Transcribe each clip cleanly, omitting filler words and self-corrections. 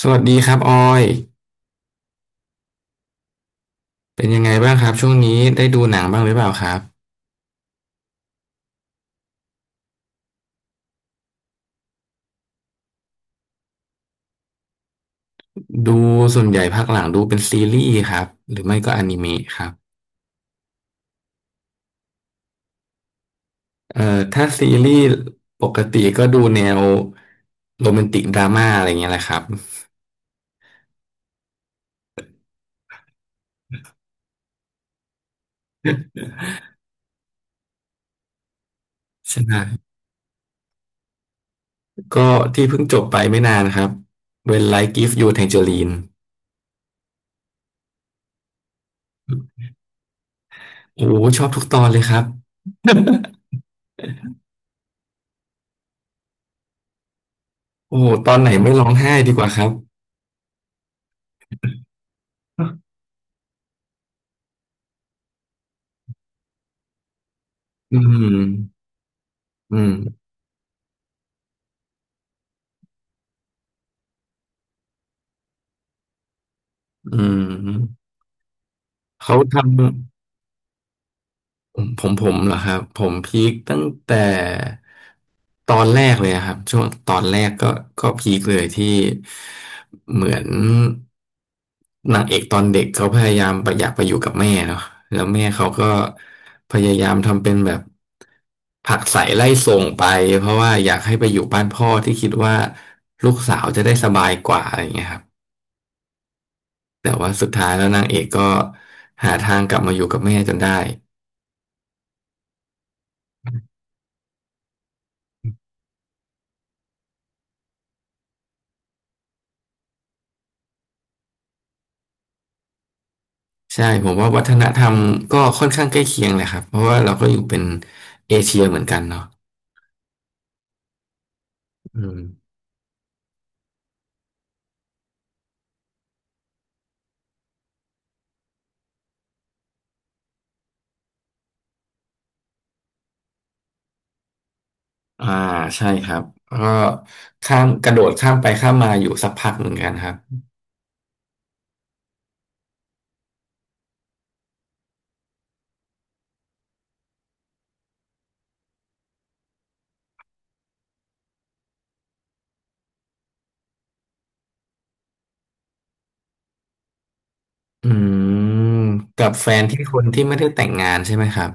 สวัสดีครับออยเป็นยังไงบ้างครับช่วงนี้ได้ดูหนังบ้างหรือเปล่าครับดูส่วนใหญ่ภาคหลังดูเป็นซีรีส์ครับหรือไม่ก็อนิเมะครับถ้าซีรีส์ปกติก็ดูแนวโรแมนติกดราม่าอะไรเงี้ยแหละครับใช่ไหมก็ที่เพิ่งจบไปไม่นานครับ When Life Gives You Tangerine โอ้โหชอบทุกตอนเลยครับโอ้โหตอนไหนไม่ร้องไห้ดีกว่าครับอืมอืมอืมเขาทำ ผมเหรอครับผมพีคตั้งแต่ตอนแรกเลยอะครับช่วงตอนแรกก็พีคเลยที่เหมือนนางเอกตอนเด็กเขาพยายามไปอยากไปอยู่กับแม่เนาะแล้วแม่เขาก็พยายามทำเป็นแบบผลักใส่ไล่ส่งไปเพราะว่าอยากให้ไปอยู่บ้านพ่อที่คิดว่าลูกสาวจะได้สบายกว่าอะไรอย่างเงี้ยครับแต่ว่าสุดท้ายแล้วนางเอกก็หาทางกลับมาอยู่กับแม่จนได้ ใช่ผมว่าวัฒนธรรมก็ค่อนข้างใกล้เคียงเลยครับเพราะว่าเราก็อยู่เป็นเอเชียเหมือนกันเนาะอืมอ่าใช่ครับก็ข้ามกระโดดข้ามไปข้ามมาอยู่สักพักเหมือนกันครับอืมกับแฟนที่คนที่ไม่ได้แต่งงานใช่ไหมครับ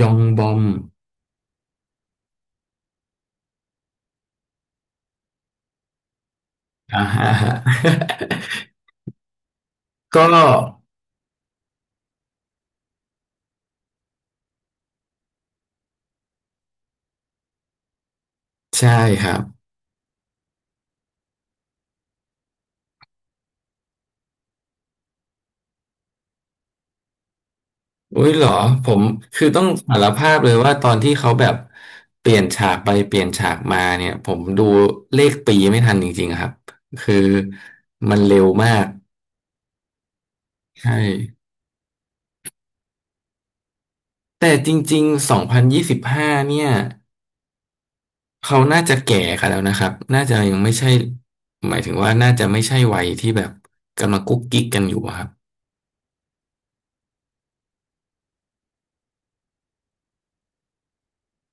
ยองบอมอ่าฮะ ก็ใช่ครับ อุ้ยเหรอผมคือต้องสารภาพเลยว่าตอนที่เขาแบบเปลี่ยนฉากไปเปลี่ยนฉากมาเนี่ยผมดูเลขปีไม่ทันจริงๆครับคือมันเร็วมากใช่แต่จริงๆ2025เนี่ยเขาน่าจะแก่กันแล้วนะครับน่าจะยังไม่ใช่หมายถึงว่าน่าจะไม่ใช่วัยที่แบบกำลังกุ๊กกิ๊กกันอยู่อะครับ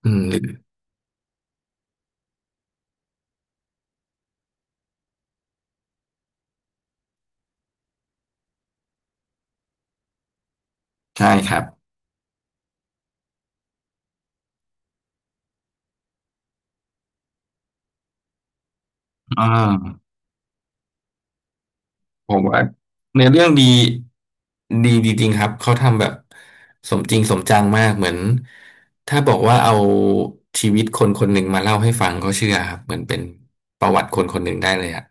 อืมหรือใช่ครับอ่า ผมว่าเนื้อเรื่องดีดีจริงๆครับเขาทำแบบสมจริงสมจังมากเหมือนถ้าบอกว่าเอาชีวิตคนคนหนึ่งมาเล่าให้ฟังเขาเชื่อครับเหมือนเป็นประวัติคนคนหนึ่งได้เลยอะ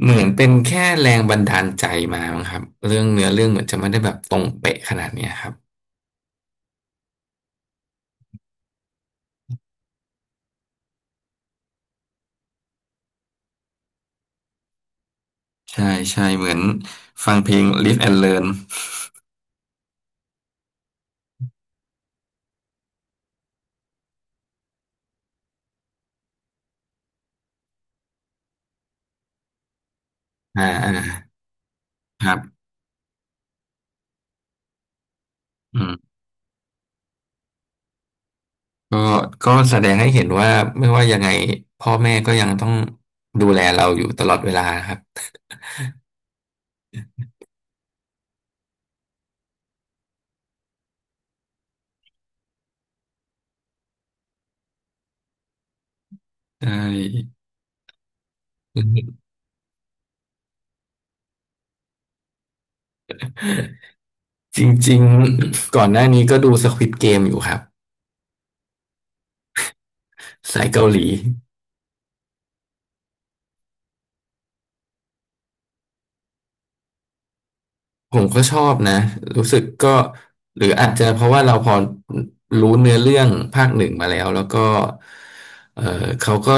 เหมือนเป็นแค่แรงบันดาลใจมามั้งครับเรื่องเนื้อเรื่องเหมือนจะไม่ได้แบบตรงเป๊ะขนาดเนี้ยครับใช่ใช่เหมือนฟังเพลง Live and Learn อ่าอ่าครับอืม ก็ก็แสดงให้เห็นว่าไม่ว่ายังไงพ่อแม่ก็ยังต้องดูแลเราอยู่ตลอดเวลาครับใช่จริงๆก่อนหน้านี้ก็ดู Squid Game อยู่ครับสายเกาหลีผมก็ชอบนะรู้สึกก็หรืออาจจะเพราะว่าเราพอรู้เนื้อเรื่องภาคหนึ่งมาแล้วแล้วก็เออเขาก็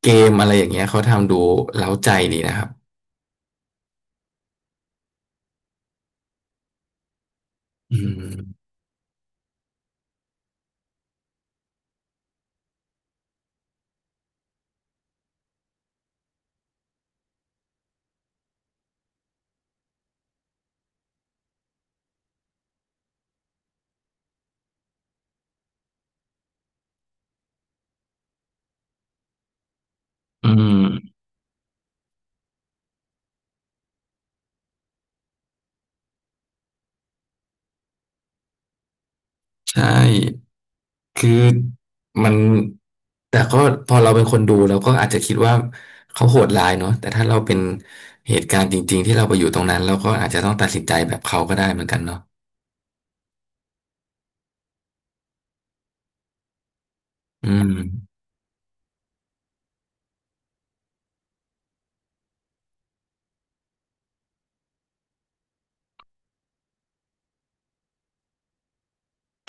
เกมอะไรอย่างเงี้ยเขาทำดูเร้าใจดีนะครับอืมอืมใช่ คือมันแต่ก็พอเราเป็นคนดูเราก็อาจจะคิดว่าเขาโหดร้ายเนาะแต่ถ้าเราเป็นเหตุการณ์จริงๆที่เราไปอยู่ตรงนั้นเราก็อาจจะต้องตัดสินใจแบบเขาก็ได้เหมือนกันเนาะอืม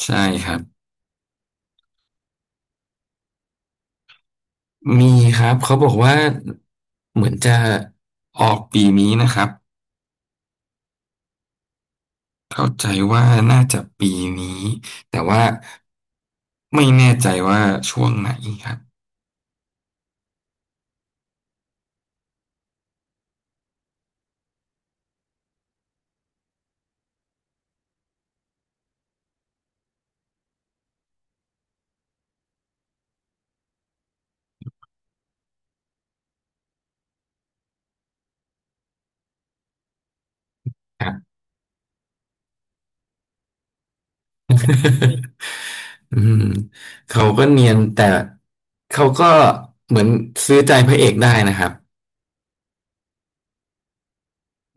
ใช่ครับมีครับเขาบอกว่าเหมือนจะออกปีนี้นะครับเข้าใจว่าน่าจะปีนี้แต่ว่าไม่แน่ใจว่าช่วงไหนครับครับ อืมเขาก็เนียนแต่เขาก็เหมือนซื้อใจพระเอกได้นะครับ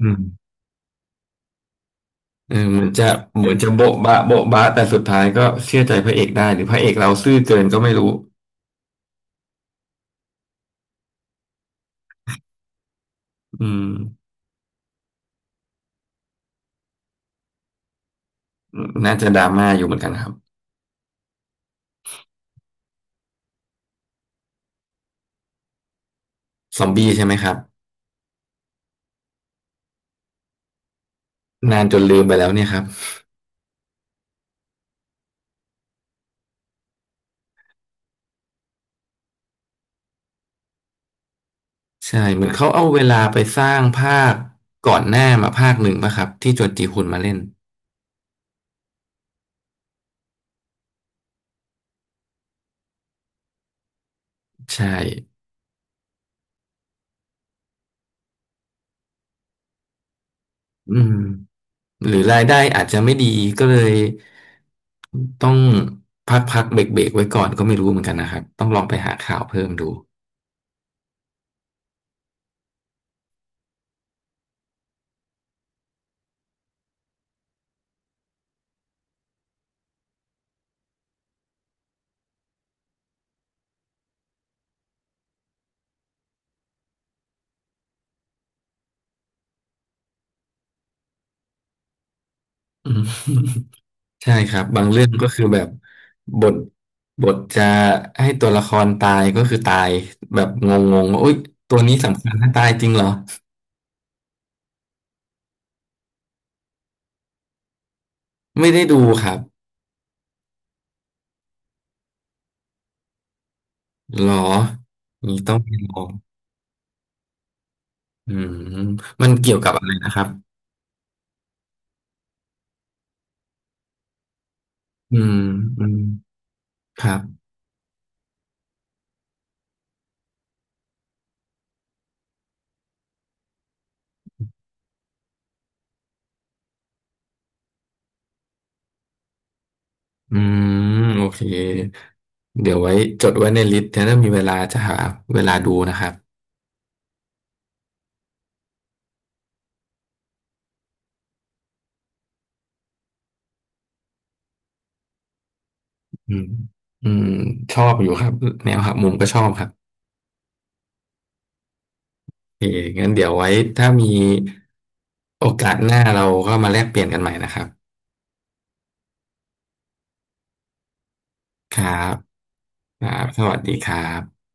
อืมเออเหมือนจะโบ๊ะบะโบ๊ะบะแต่สุดท้ายก็เชื่อใจพระเอกได้หรือพระเอกเราซื่อเกินก็ไม่รู้อืมน่าจะดราม่าอยู่เหมือนกันครับซอมบี้ใช่ไหมครับนานจนลืมไปแล้วเนี่ยครับใช่เหมือนเขาเอาเวลาไปสร้างภาคก่อนหน้ามาภาคหนึ่งป่ะครับที่จวนจีฮุนมาเล่นใช่อืม หรือรายได้อาจจะไม่ดีก็เลยต้องพักพักเบรกเบรกๆไว้ก่อนก็ไม่รู้เหมือนกันนะครับต้องลองไปหาข่าวเพิ่มดูอืม ใช่ครับบางเรื่องก็คือแบบบทบทจะให้ตัวละครตายก็คือตายแบบงงๆว่าโอ๊ยตัวนี้สำคัญถ้าตายจริงเหรอไม่ได้ดูครับหรอนี่ต้องไปลองอืมมันเกี่ยวกับอะไรนะครับอืมอืมครับ อืมโอเคเดี๋ยวไว้จดไว้ในลิสต์นะถ้ามีเวลาจะหาเวลาดูนะครับอืมอืมชอบอยู่ครับแนวหักมุมก็ชอบครับโอเคงั้นเดี๋ยวไว้ถ้ามีโอกาสหน้าเราก็มาแลกเปลี่ยนกันใหม่นะครับครับครับสวัสดีครับ